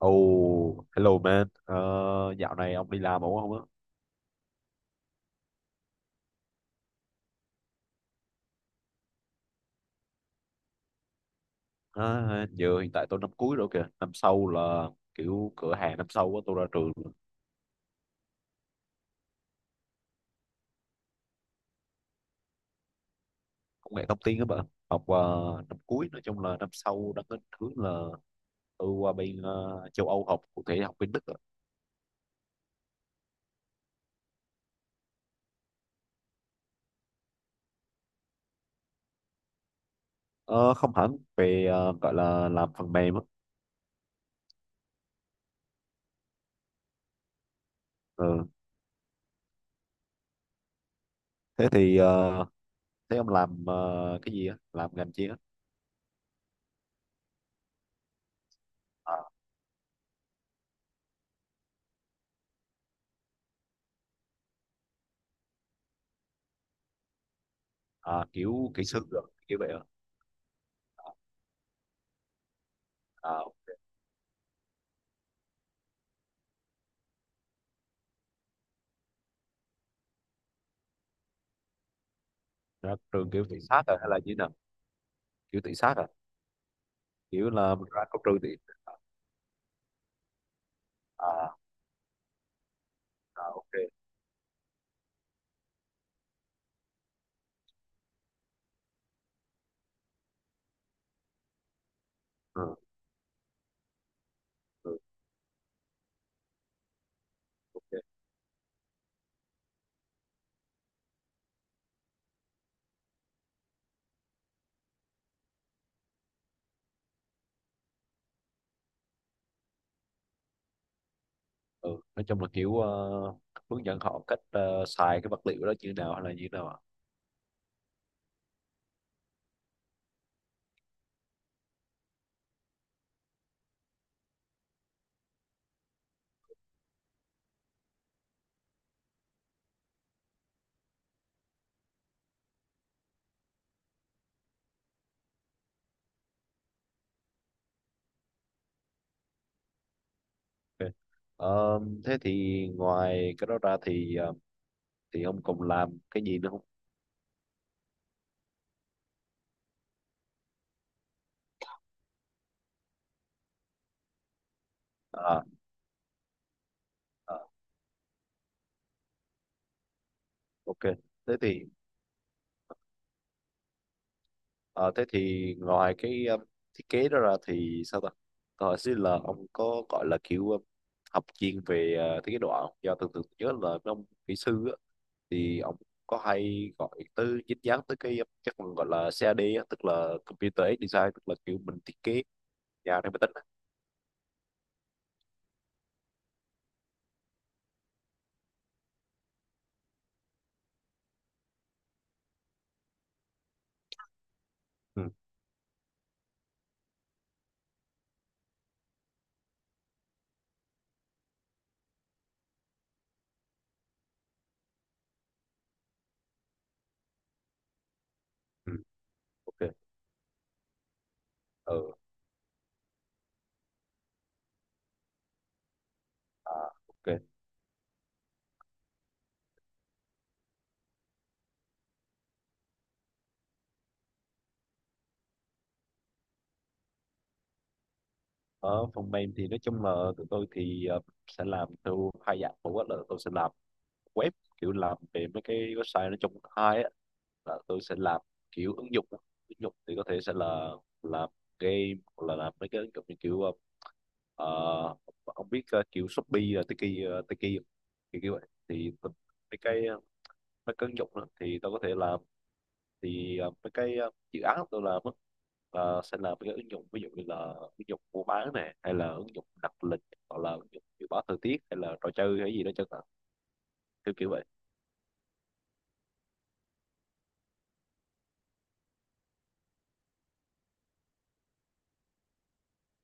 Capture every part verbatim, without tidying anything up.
Oh, hello man. Ờ, Dạo này ông đi làm ổn không á? À, giờ hiện tại tôi năm cuối rồi kìa. Năm sau là kiểu cửa hàng năm sau á, tôi ra trường công nghệ thông tin các bạn. Học ờ, năm cuối nói chung là năm sau đang định hướng là tôi qua bên ờ, châu Âu học, cụ thể học bên Đức á. Ờ, không hẳn, về ờ, gọi là làm phần mềm á. Ừ. Thế thì ờ, thế ông làm ờ, cái gì á? Làm ngành chi á? À, à, kiểu kỹ sư rồi kiểu vậy á. À, ok. Ra trường kiểu tự sát à, hay là như thế nào? Kiểu tự sát à? Kiểu là mình ra có trừ thì à, à ok, ừ, ừ, ok, ừ. Nói chung là kiểu ờ, hướng dẫn họ cách ờ, xài cái vật liệu đó như nào hay là như nào ạ? Ok. Ờ, thế thì ngoài cái đó ra thì ờ, thì ông còn làm cái gì nữa không? À, à, ok. Thế thì ờ, thế thì ngoài cái ờ, thiết kế đó ra thì sao ta, tôi hỏi xin là ông có gọi là kiểu ờ, học chuyên về ờ, thiết kế đồ họa không? Do thường thường nhớ là mấy ông kỹ sư á, thì ông có hay gọi tới dính dáng tới cái cái phần gọi là cad á, tức là computer aided design, tức là kiểu mình thiết kế nhà theo máy tính á. Ừ. Ừ. Ok. Ừ. À, ok. Ở phần mềm thì nói chung là tụi tôi thì ờ, sẽ làm theo hai dạng. Một á là tôi sẽ làm web, kiểu làm về mấy cái website. Nói chung hai á là tôi sẽ làm kiểu ứng dụng đó. Ứng dụng thì có thể sẽ là làm game hoặc là làm mấy cái ứng dụng như kiểu ờ, ờ, ông biết ờ, kiểu Shopee là Tiki ờ, Tiki không? Thì kiểu vậy thì tôi- mấy cái ờ, mấy cái ứng dụng đó, thì tôi có thể làm. Thì ờ, mấy cái ờ, dự án tôi làm á, là sẽ làm mấy cái ứng dụng ví dụ như là ứng dụng mua bán này, hay là ứng dụng đặt lịch, hoặc là ứng dụng dự báo thời tiết, hay là trò chơi hay gì đó chẳng hạn, kiểu kiểu vậy.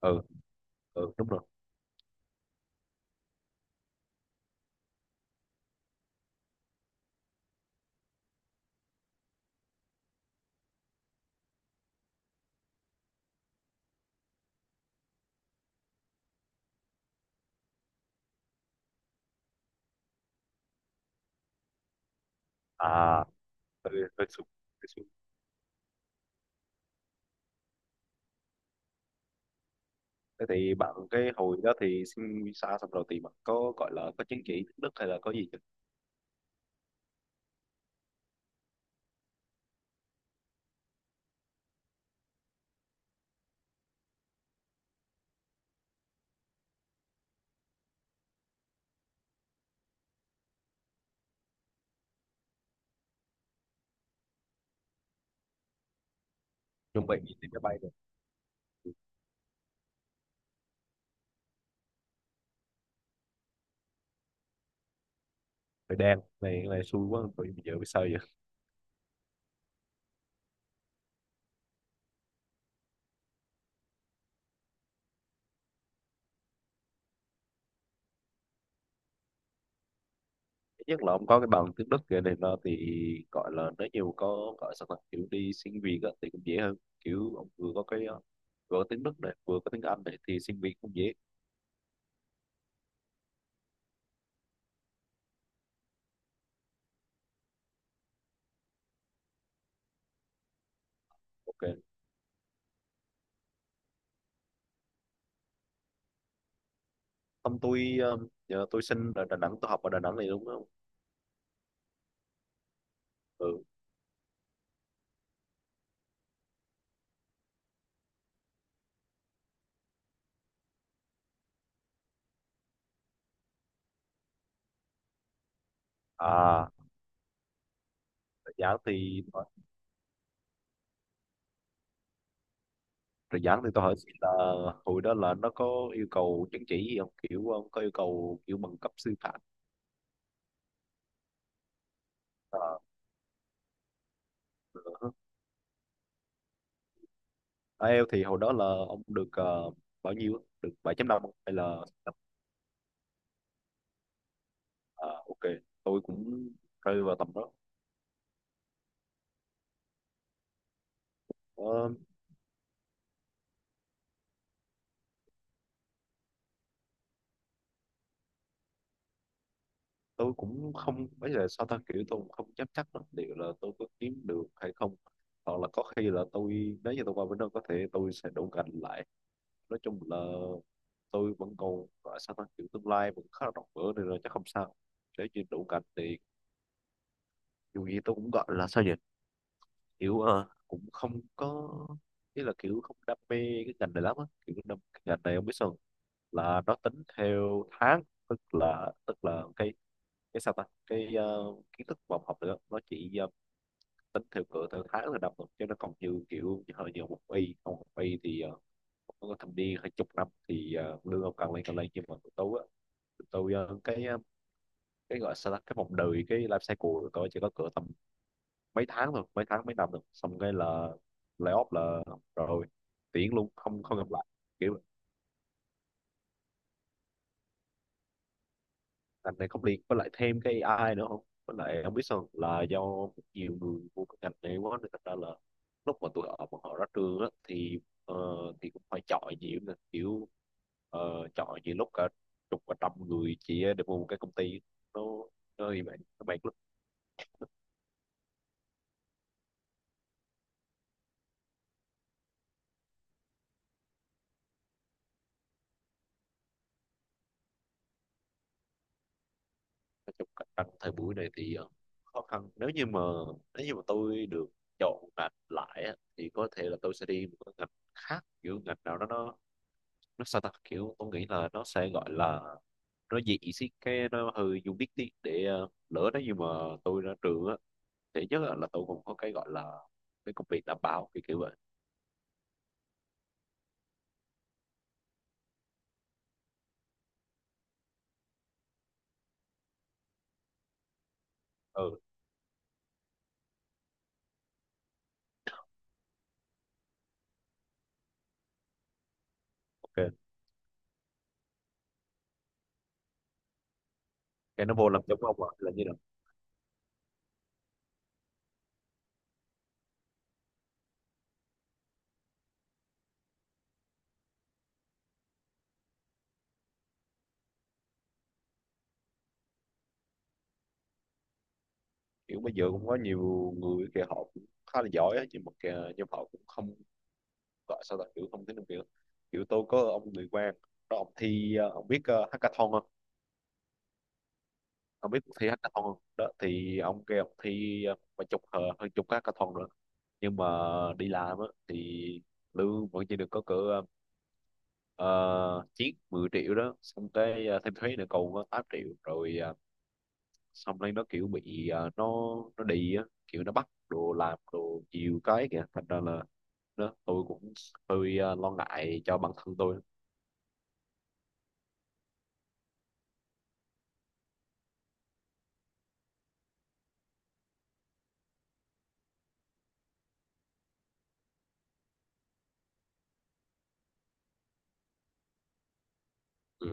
Ừ, ừ đúng rồi. À, tôi tôi thế thì bạn cái hồi đó thì xin visa xong rồi thì bạn có gọi là có chứng chỉ tiếng Đức hay là có gì chưa? Chuẩn bị gì thì máy bay rồi. Thời đen này này xui quá, bây giờ biết sao vậy. Thứ nhất là ông có cái bằng tiếng Đức kia này nó thì gọi là nếu nhiều có gọi sao ta kiểu đi xin việc á, thì cũng dễ hơn, kiểu ông vừa có cái ờ, vừa có tiếng Đức này vừa có tiếng Anh này thì xin việc cũng dễ. Ok, không tôi ờ, giờ tôi sinh ở Đà Nẵng, tôi học ở Đà Nẵng này đúng không? Ừ, à giá thì ờ, rồi giảng thì tôi hỏi xin là hồi đó là nó có yêu cầu chứng chỉ gì không, kiểu ông có yêu cầu kiểu bằng cấp sư phạm à, ai eo thì hồi đó là ông được ờ, bao nhiêu á? Được bảy chấm năm không? Hay là à, ok, tôi cũng rơi vào tầm đó. Ờ, tôi cũng không, bây giờ sao ta kiểu tôi cũng không dám chắc lắm liệu là tôi có kiếm được hay không, hoặc là có khi là tôi nếu như tôi qua bên đó có thể tôi sẽ đổ gành lại. Nói chung là tôi vẫn còn gọi sao ta kiểu tương lai vẫn khá là rộng mở nên là chắc không sao, nếu như đủ cảnh thì dù gì tôi cũng gọi là sao nhỉ, kiểu ờ, cũng không có ý là kiểu không đam mê cái ngành này lắm á, kiểu đam, cái ngành này không biết sao là nó tính theo tháng. Tức là tức là cái cái sao ta cái ờ, kiến thức mà ông học được á, nó chỉ ờ, tính theo cỡ theo tháng là đọc thôi chứ nó còn như kiểu hơi nhiều một y không một y, thì ờ, có thâm niên hai chục năm thì ờ, lương ông càng lên càng lên, nhưng mà tôi á tôi ờ, cái ờ, cái gọi sao ta, cái vòng đời, cái life cycle của tôi chỉ có cỡ tầm mấy tháng thôi, mấy tháng mấy năm thôi, xong cái là layoff là rồi tiễn luôn, không không gặp lại kiểu. Ngành này không liên, với lại thêm cái a i nữa, không với lại không biết sao là do nhiều người vô cái ngành này quá nên thành ra là lúc mà tụi họ bọn họ ra trường á thì ờ, thì cũng phải chọi nhiều nè, kiểu ờ, chọi nhiều lúc cả chục và trăm người chỉ để mua một cái công ty. nó nó như vậy các bạn. Nói chung cạnh tranh thời buổi này thì ờ, khó khăn, nếu như mà nếu như mà tôi được chọn ngành lại á, thì có thể là tôi sẽ đi một cái ngành khác, kiểu ngành nào đó nó nó sao ta kiểu tôi nghĩ là nó sẽ gọi là nó dị xí cái nó hơi dùng biết tí, để ờ, lỡ nếu như mà tôi ra trường á thì nhất là là tôi cũng có cái gọi là cái công việc đảm bảo kiểu kiểu vậy. Ừ, ok. Cái nó vô làm giống ông ạ là như là kiểu bây giờ cũng có nhiều người kìa họ cũng khá là giỏi á, nhưng mà kìa, nhưng mà họ cũng không gọi sao là kiểu không tính được, kiểu kiểu tôi có ông người quan đó ông thi ờ, ông biết ờ, hackathon không, ông biết cuộc thi hackathon không, đó thì ông kêu ông thi ờ, vài chục ờ, hơn chục cái hackathon nữa, nhưng mà đi làm á thì lương vẫn chỉ được có cỡ uh, chiếc mười triệu đó, xong cái ờ, thêm thuế nữa còn có tám triệu rồi ờ, xong lên nó kiểu bị ờ, nó nó đi á kiểu nó bắt đồ làm đồ nhiều cái kìa, thành ra là đó tôi cũng hơi ờ, lo ngại cho bản thân tôi. Ừ.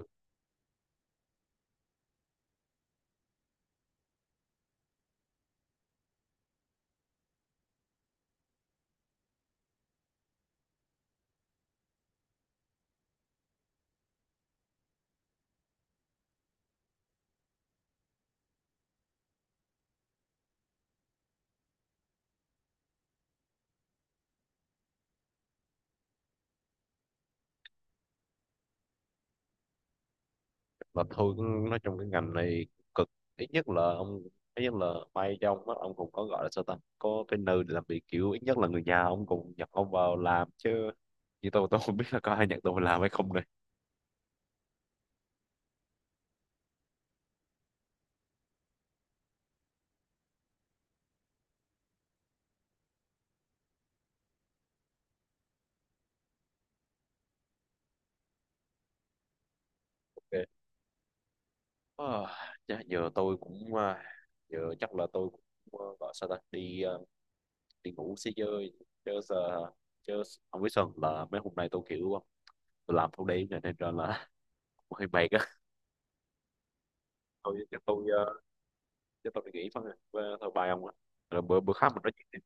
Mà thôi cũng- nói trong cái ngành này cực, ít nhất là ông, ít nhất là may cho ông á, ông cũng có gọi là sao ta có cái nơi để làm việc, kiểu ít nhất là người nhà ông cũng nhận ông vào làm, chứ như tôi tôi không biết là có ai nhận tôi vào làm hay không này. Okay. À, dạ, giờ tôi cũng à, giờ chắc là tôi cũng à, gọi sao ta đi à, đi ngủ xí chơi chứ giờ chứ không biết sao là mấy hôm nay tôi kiểu ờ, tôi làm thâu đêm này nên ra là hơi mệt á. Thôi chắc tôi à, chắc tôi đi nghỉ thôi. Và thôi bye ông ạ, rồi bữa bữa khác mình nói chuyện.